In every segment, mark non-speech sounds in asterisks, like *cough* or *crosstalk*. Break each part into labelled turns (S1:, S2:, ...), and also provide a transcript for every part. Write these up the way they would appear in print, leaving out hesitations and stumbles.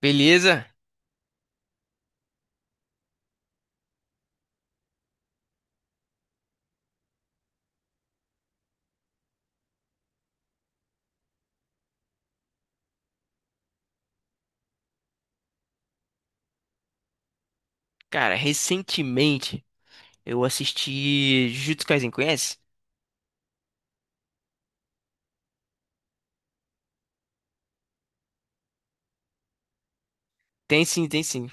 S1: Beleza? Cara, recentemente eu assisti Jujutsu Kaisen, conhece? Tem sim, tem sim.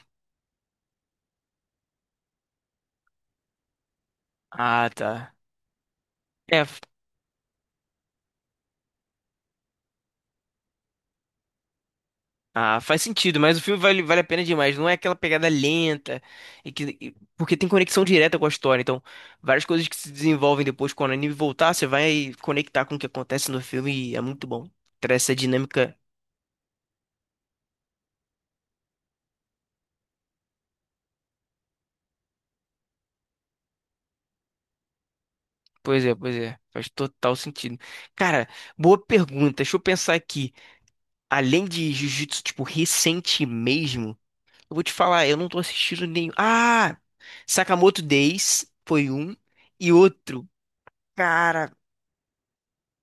S1: Ah, tá. É, f- ah, faz sentido, mas o filme vale a pena demais. Não é aquela pegada lenta, porque tem conexão direta com a história. Então, várias coisas que se desenvolvem depois quando o anime voltar, você vai conectar com o que acontece no filme e é muito bom. Traz essa dinâmica. Pois é, pois é. Faz total sentido. Cara, boa pergunta. Deixa eu pensar aqui. Além de Jujutsu, tipo, recente mesmo. Eu vou te falar, eu não tô assistindo nenhum. Ah! Sakamoto Days foi um. E outro, cara,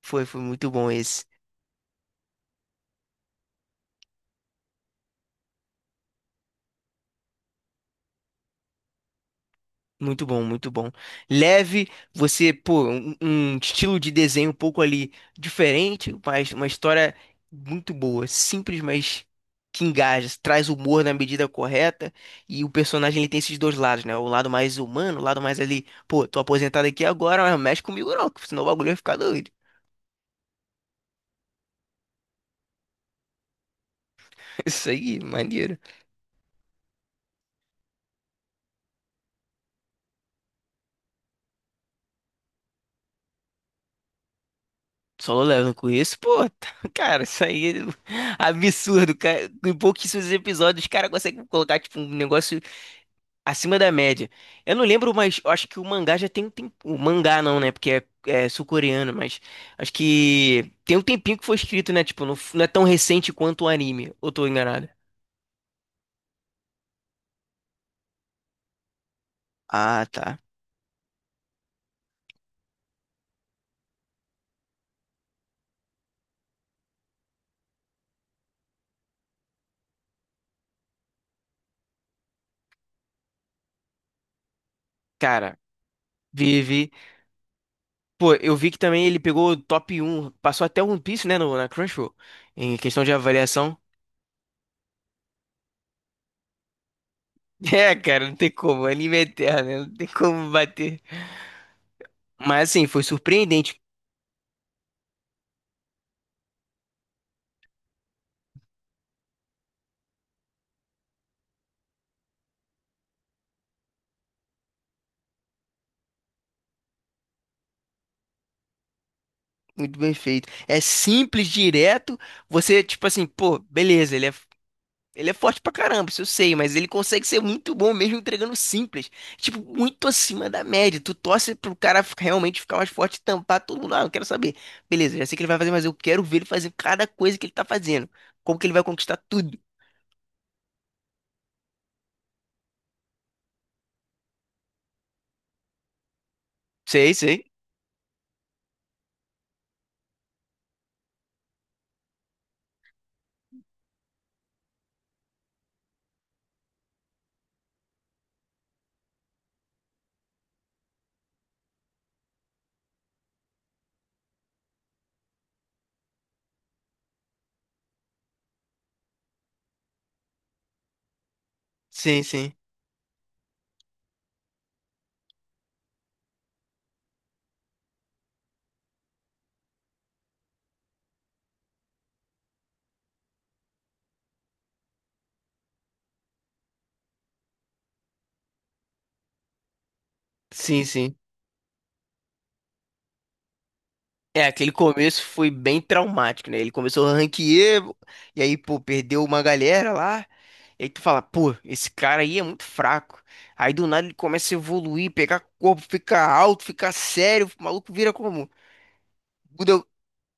S1: foi muito bom esse. Muito bom, muito bom. Leve, você, pô, um estilo de desenho um pouco ali diferente, mas uma história muito boa. Simples, mas que engaja, traz humor na medida correta. E o personagem ele tem esses dois lados, né? O lado mais humano, o lado mais ali, pô, tô aposentado aqui agora, mas não mexe comigo não, que senão o bagulho vai ficar doido. *laughs* Isso aí, maneiro. Solo Leveling com isso, pô, *laughs* cara, isso aí é absurdo, cara. Em pouquíssimos episódios, os caras conseguem colocar, tipo, um negócio acima da média. Eu não lembro, mas eu acho que o mangá já tem um tempo. O mangá não, né? Porque é sul-coreano, mas acho que tem um tempinho que foi escrito, né? Tipo, não, não é tão recente quanto o anime. Ou tô enganado? Ah, tá. Cara, vive. Pô, eu vi que também ele pegou o top 1, passou até o One Piece, né? No, na Crunchyroll, em questão de avaliação. *laughs* É, cara, não tem como. Anime é eterno, né? Não tem como bater. Mas assim, foi surpreendente. Muito bem feito. É simples, direto. Você, tipo assim, pô, beleza, ele é forte pra caramba, isso eu sei, mas ele consegue ser muito bom mesmo entregando simples. Tipo, muito acima da média. Tu torce pro cara realmente ficar mais forte e tampar todo mundo. Ah, não quero saber. Beleza, já sei o que ele vai fazer, mas eu quero ver ele fazer cada coisa que ele tá fazendo. Como que ele vai conquistar tudo. Sei, sei. Sim, sim. Sim, sim. É, aquele começo foi bem traumático, né? Ele começou a ranquear, e aí, pô, perdeu uma galera lá. E aí tu fala, pô, esse cara aí é muito fraco. Aí do nada ele começa a evoluir, pegar corpo, ficar alto, ficar sério, o maluco vira como? Muda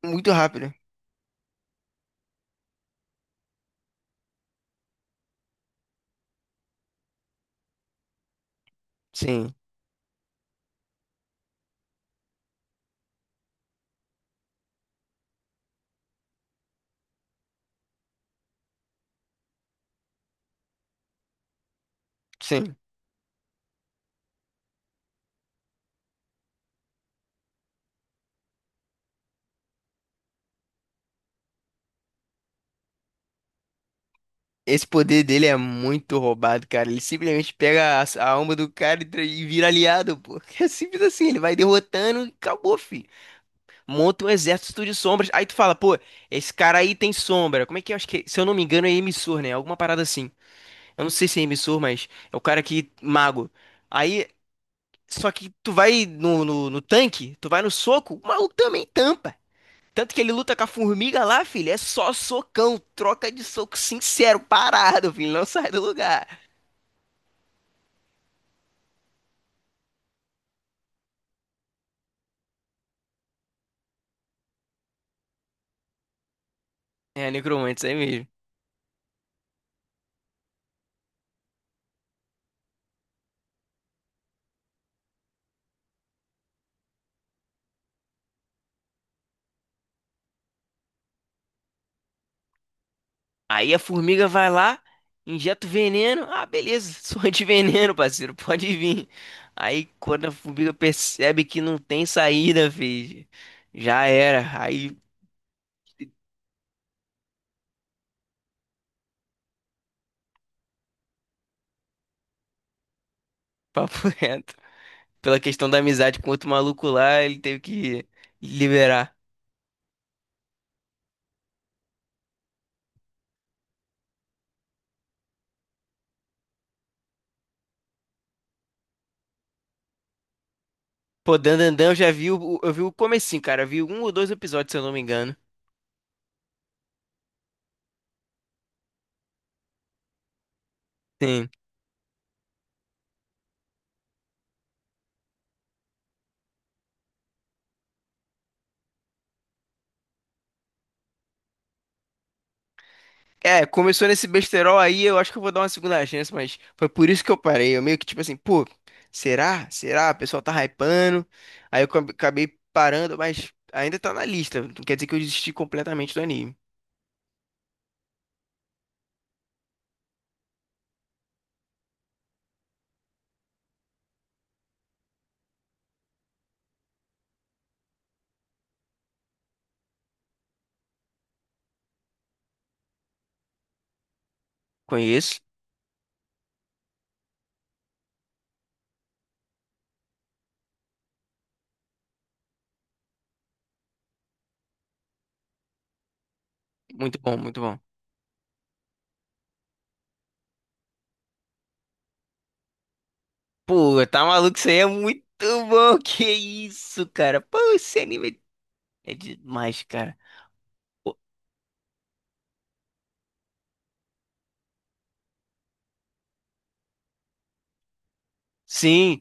S1: muito rápido. Né? Sim, sim. Esse poder dele é muito roubado, cara. Ele simplesmente pega a alma do cara e vira aliado, pô. *laughs* É simples assim, ele vai derrotando e acabou, fi. Monta um exército de sombras. Aí tu fala, pô, esse cara aí tem sombra. Como é que é? Acho que, se eu não me engano, é emissor, né? Alguma parada assim. Eu não sei se é emissor, mas é o cara que mago. Aí, só que tu vai no tanque, tu vai no soco, o maluco também tampa. Tanto que ele luta com a formiga lá, filho, é só socão, troca de soco sincero, parado, filho, não sai do lugar. É, necromante, isso aí mesmo. Aí a formiga vai lá, injeta o veneno. Ah, beleza, *laughs* sou antiveneno, parceiro, pode vir. Aí quando a formiga percebe que não tem saída, filho, já era. Aí, papo *laughs* reto. Pela questão da amizade com outro maluco lá, ele teve que liberar. Pô, Dandandan, eu já vi o comecinho, cara. Eu vi um ou dois episódios, se eu não me engano. Sim. É, começou nesse besterol aí, eu acho que eu vou dar uma segunda chance, mas foi por isso que eu parei. Eu meio que tipo assim, pô, será? Será? O pessoal tá hypando. Aí eu acabei parando, mas ainda tá na lista. Não quer dizer que eu desisti completamente do anime. Conheço. Muito bom, muito bom. Pô, tá maluco? Isso aí é muito bom. *laughs* Que isso, cara? Pô, esse anime é demais, cara. Pô, sim,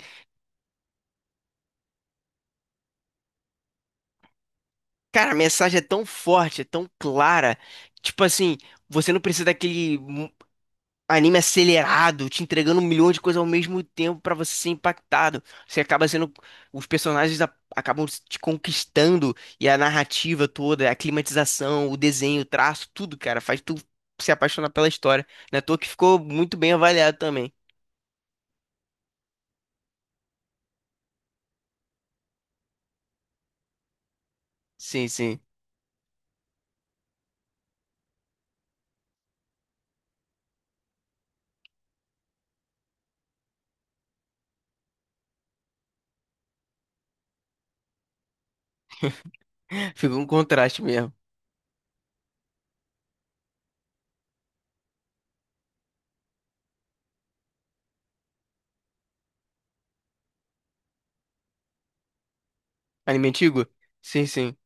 S1: cara, a mensagem é tão forte, é tão clara. Tipo assim, você não precisa daquele anime acelerado, te entregando um milhão de coisas ao mesmo tempo pra você ser impactado. Você acaba sendo. Os personagens acabam te conquistando e a narrativa toda, a climatização, o desenho, o traço, tudo, cara, faz tu se apaixonar pela história. Não é à toa que ficou muito bem avaliado também. Sim, sim. *laughs* Ficou um contraste mesmo. Anime antigo? Sim, sim.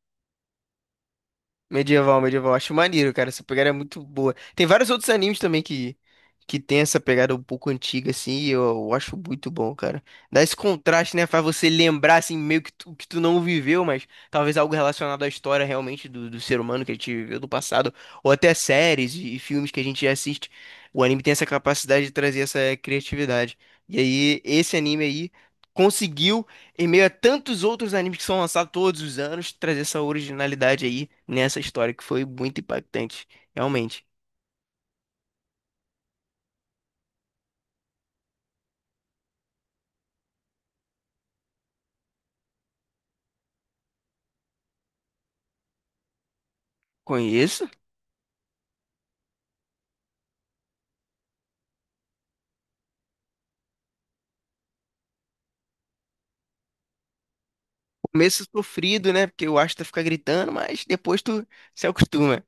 S1: Medieval, medieval. Acho maneiro, cara. Essa pegada é muito boa. Tem vários outros animes também que tem essa pegada um pouco antiga, assim, e eu acho muito bom, cara. Dá esse contraste, né? Faz você lembrar, assim, meio que tu não viveu, mas talvez algo relacionado à história realmente do ser humano que a gente viveu do passado, ou até séries e filmes que a gente já assiste. O anime tem essa capacidade de trazer essa criatividade. E aí, esse anime aí conseguiu em meio a tantos outros animes que são lançados todos os anos, trazer essa originalidade aí nessa história que foi muito impactante, realmente. Conheço. Começo sofrido, né? Porque o Asta fica gritando, mas depois tu se acostuma.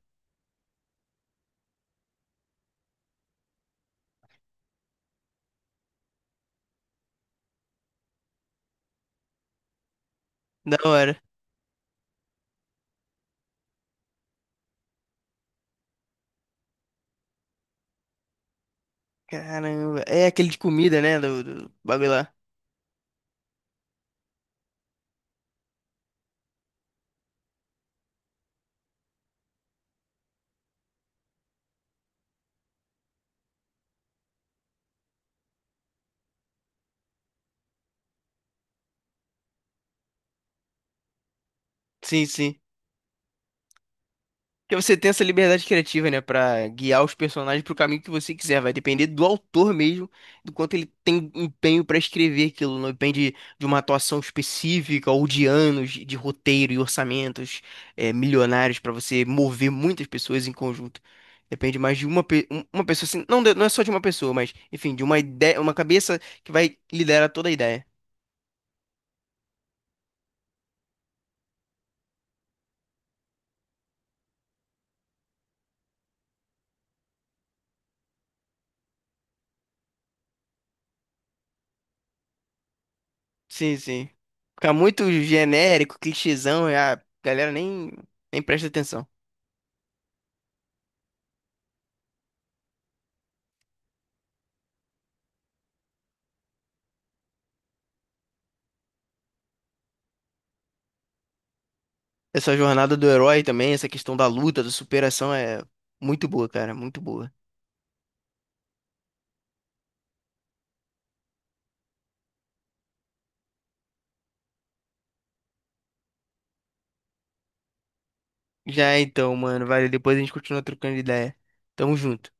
S1: Da hora. Caramba. É aquele de comida, né? Do bagulho lá. Sim, sim. Porque você tem essa liberdade criativa, né, pra guiar os personagens pro caminho que você quiser. Vai depender do autor mesmo, do quanto ele tem empenho pra escrever aquilo. Não depende de uma atuação específica ou de anos de roteiro e orçamentos milionários pra você mover muitas pessoas em conjunto. Depende mais de uma pessoa, assim, não, não é só de uma pessoa, mas, enfim, de uma ideia, uma cabeça que vai liderar toda a ideia. Sim, sim. Fica muito genérico, clichêzão, e a galera nem presta atenção. Essa jornada do herói também, essa questão da luta, da superação é muito boa, cara, muito boa. Já então, mano, vale, depois a gente continua trocando ideia. Tamo junto.